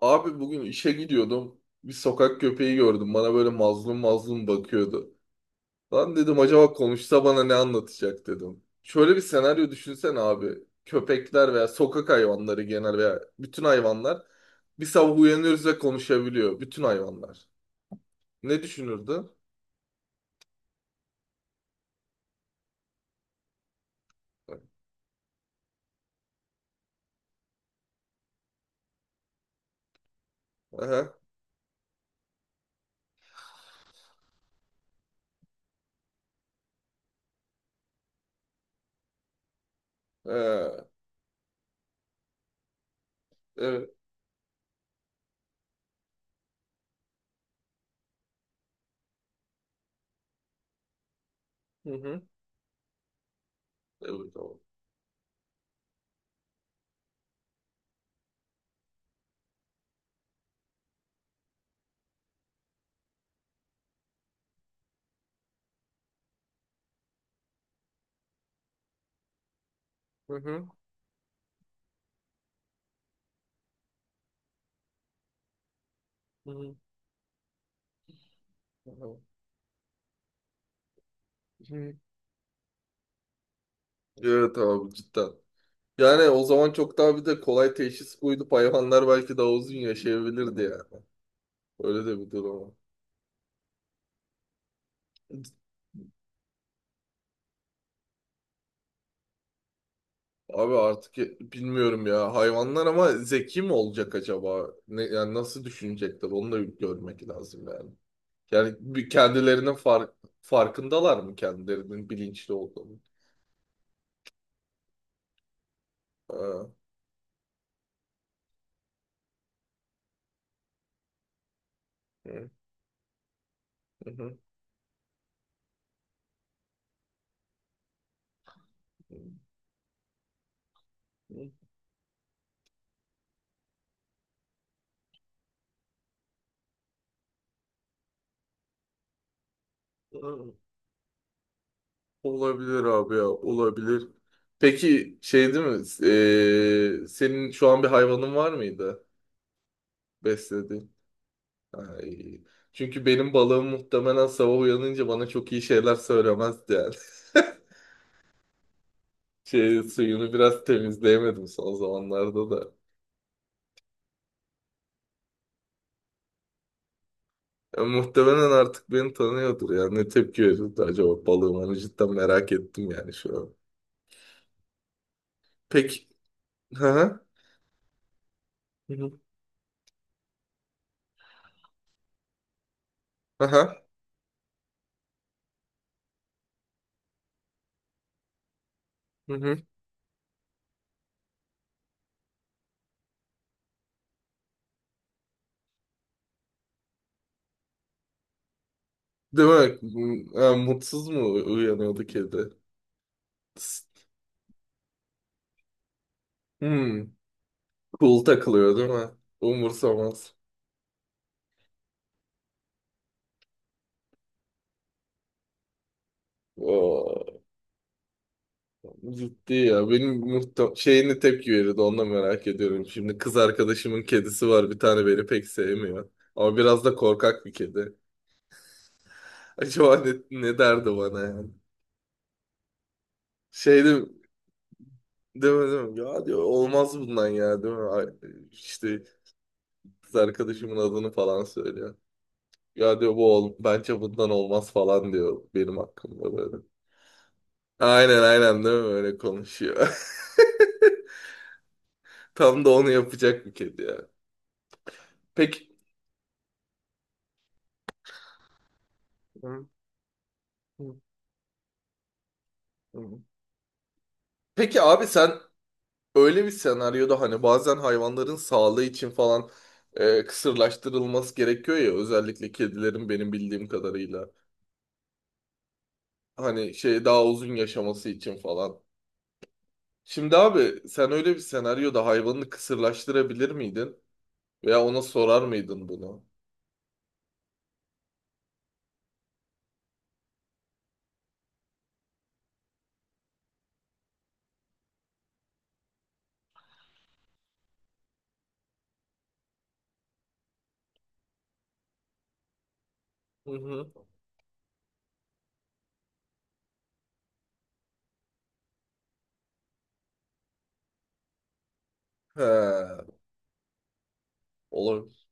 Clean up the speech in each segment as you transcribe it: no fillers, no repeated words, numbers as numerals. Abi bugün işe gidiyordum. Bir sokak köpeği gördüm. Bana böyle mazlum mazlum bakıyordu. Lan dedim acaba konuşsa bana ne anlatacak dedim. Şöyle bir senaryo düşünsen abi. Köpekler veya sokak hayvanları genel veya bütün hayvanlar bir sabah uyanıyoruz ve konuşabiliyor. Bütün hayvanlar. Ne düşünürdü? Aha, ee, evet. Hı hı. Evet abi. Hı hı. Hı hı. Hı hı. Evet abi cidden. Yani o zaman çok daha bir de kolay teşhis koyulup hayvanlar belki daha uzun yaşayabilirdi yani. Öyle de bir durum var. Abi artık bilmiyorum ya. Hayvanlar ama zeki mi olacak acaba? Ne, yani nasıl düşünecekler? Onu da bir görmek lazım yani. Yani bir kendilerinin farkındalar mı kendilerinin bilinçli olduğunu? Ha. Hı, hı, hı, hı, hı. Olabilir abi ya, olabilir. Peki şey değil mi? Senin şu an bir hayvanın var mıydı? Besledin. Ay. Çünkü benim balığım muhtemelen sabah uyanınca bana çok iyi şeyler söylemezdi yani. Şey, suyunu biraz temizleyemedim son zamanlarda da. Ya muhtemelen artık beni tanıyordur yani. Ne tepki verirdi acaba balığım? Onu cidden merak ettim yani şu an. Peki. Hı hı. Hı hı. Aha. Hı hı. Demek ha, mutsuz mu uyanıyordu kedi? Tıs. Hmm. Cool takılıyor değil mi? Umursamaz. Oo. Ciddi ya. Benim şeyini tepki verirdi. Ondan merak ediyorum. Şimdi kız arkadaşımın kedisi var. Bir tane beni pek sevmiyor. Ama biraz da korkak bir kedi. Acaba ne derdi bana yani? Şey de, deme deme. Ya diyor olmaz bundan ya değil mi? Ay, İşte kız arkadaşımın adını falan söylüyor. Ya diyor bu bence bundan olmaz falan diyor benim hakkımda böyle. Aynen aynen değil mi? Öyle konuşuyor. Tam da onu yapacak bir kedi ya. Peki. Hı, hı, hı. Peki abi sen öyle bir senaryoda hani bazen hayvanların sağlığı için falan kısırlaştırılması gerekiyor ya özellikle kedilerin benim bildiğim kadarıyla. Hani şey daha uzun yaşaması için falan. Şimdi abi sen öyle bir senaryoda hayvanını kısırlaştırabilir miydin? Veya ona sorar mıydın bunu? Hı hı. He, olur.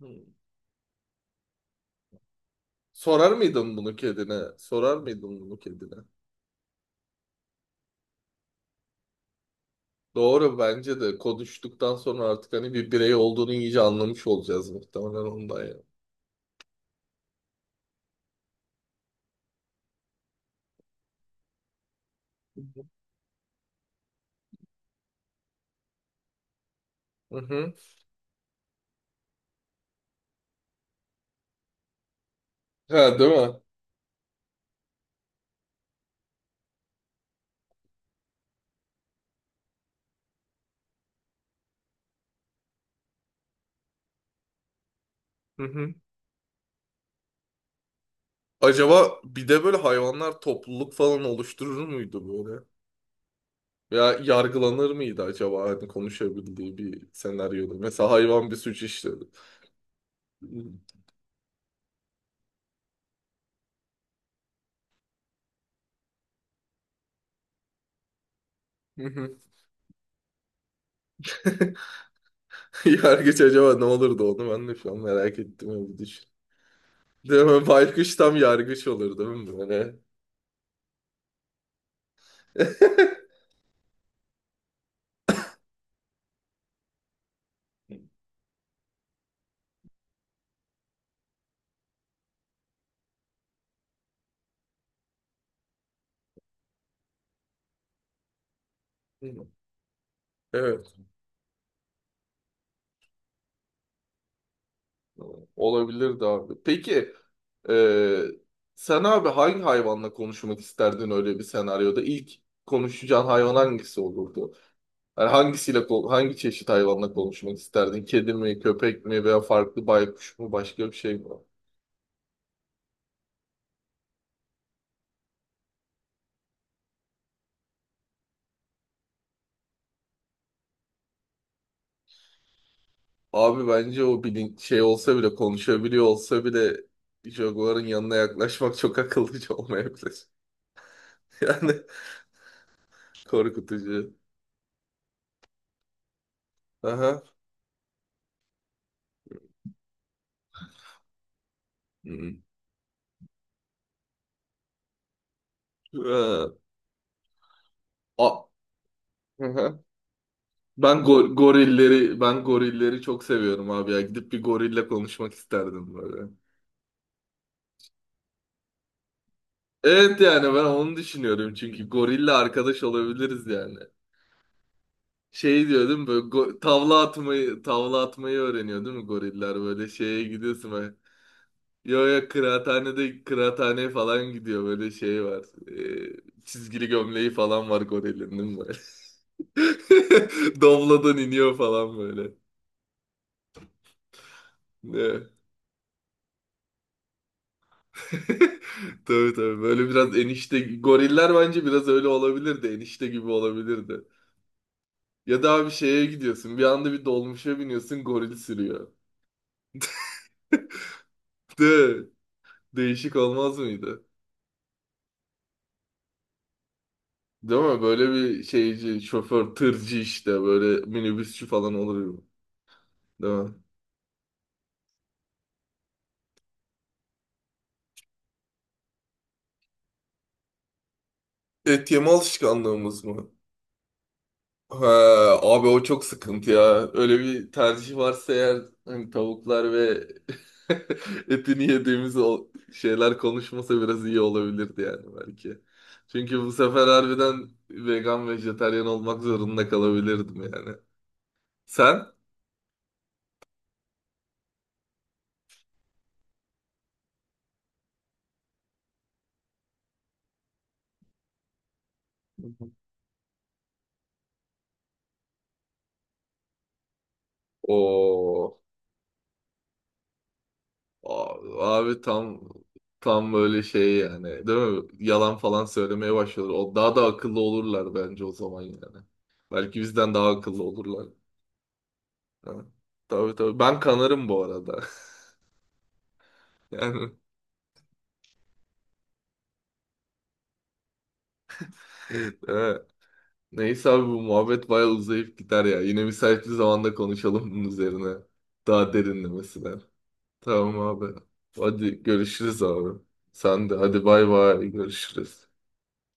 Hı. Sorar mıydın bunu kedine? Sorar mıydın bunu kedine? Doğru bence de konuştuktan sonra artık hani bir birey olduğunu iyice anlamış olacağız muhtemelen ondan ya. Hı hı. He değil mi? Hı hı. Acaba bir de böyle hayvanlar topluluk falan oluşturur muydu böyle? Ya yargılanır mıydı acaba hani konuşabildiği bir senaryoda? Mesela hayvan bir suç işledi. Hı hı. Yargıç acaba ne olurdu onu ben de şu an merak ettim öyle bir düşün. Değil mi? Baykuş tam yargıç olur değil mi böyle? Evet. Olabilirdi abi. Peki e, sen abi hangi hayvanla konuşmak isterdin öyle bir senaryoda? İlk konuşacağın hayvan hangisi olurdu? Yani hangisiyle hangi çeşit hayvanla konuşmak isterdin? Kedi mi, köpek mi veya farklı baykuş mu, başka bir şey mi? Abi bence o şey olsa bile konuşabiliyor olsa bile Jaguar'ın yanına yaklaşmak çok akıllıca olmayabilir. Yani korkutucu. Aha. Hı. Hı. A- Hı hı. Ben gorilleri çok seviyorum abi ya. Gidip bir gorille konuşmak isterdim böyle. Evet yani ben onu düşünüyorum çünkü gorille arkadaş olabiliriz yani. Şey diyor değil mi böyle tavla atmayı öğreniyor değil mi goriller böyle şeye gidiyorsun böyle. Yo ya kıraathaneye falan gidiyor böyle şey var. Çizgili gömleği falan var gorilin değil mi böyle. Dobladan iniyor falan böyle. Tabii tabii. Böyle biraz enişte goriller bence biraz öyle olabilirdi. Enişte gibi olabilirdi. Ya da bir şeye gidiyorsun. Bir anda bir dolmuşa biniyorsun goril sürüyor. De, değişik olmaz mıydı? Değil mi? Böyle bir şeyci, şoför, tırcı işte böyle minibüsçü falan olur mu? Değil mi? Et yeme alışkanlığımız mı? Ha, abi o çok sıkıntı ya. Öyle bir tercih varsa eğer hani tavuklar ve etini yediğimiz o şeyler konuşmasa biraz iyi olabilirdi yani belki. Çünkü bu sefer harbiden vegan, vejetaryen olmak zorunda kalabilirdim yani. Sen? Hı hı. O abi tam tam böyle şey yani değil mi? Yalan falan söylemeye başlıyorlar. O daha da akıllı olurlar bence o zaman yani. Belki bizden daha akıllı olurlar. Ha, tabii tabii. Ben kanarım bu arada. Yani evet. Neyse abi bu muhabbet bayağı uzayıp gider ya. Yine müsait bir zamanda konuşalım bunun üzerine. Daha derinlemesine. Tamam abi. Hadi görüşürüz abi. Sen de hadi bay bay görüşürüz.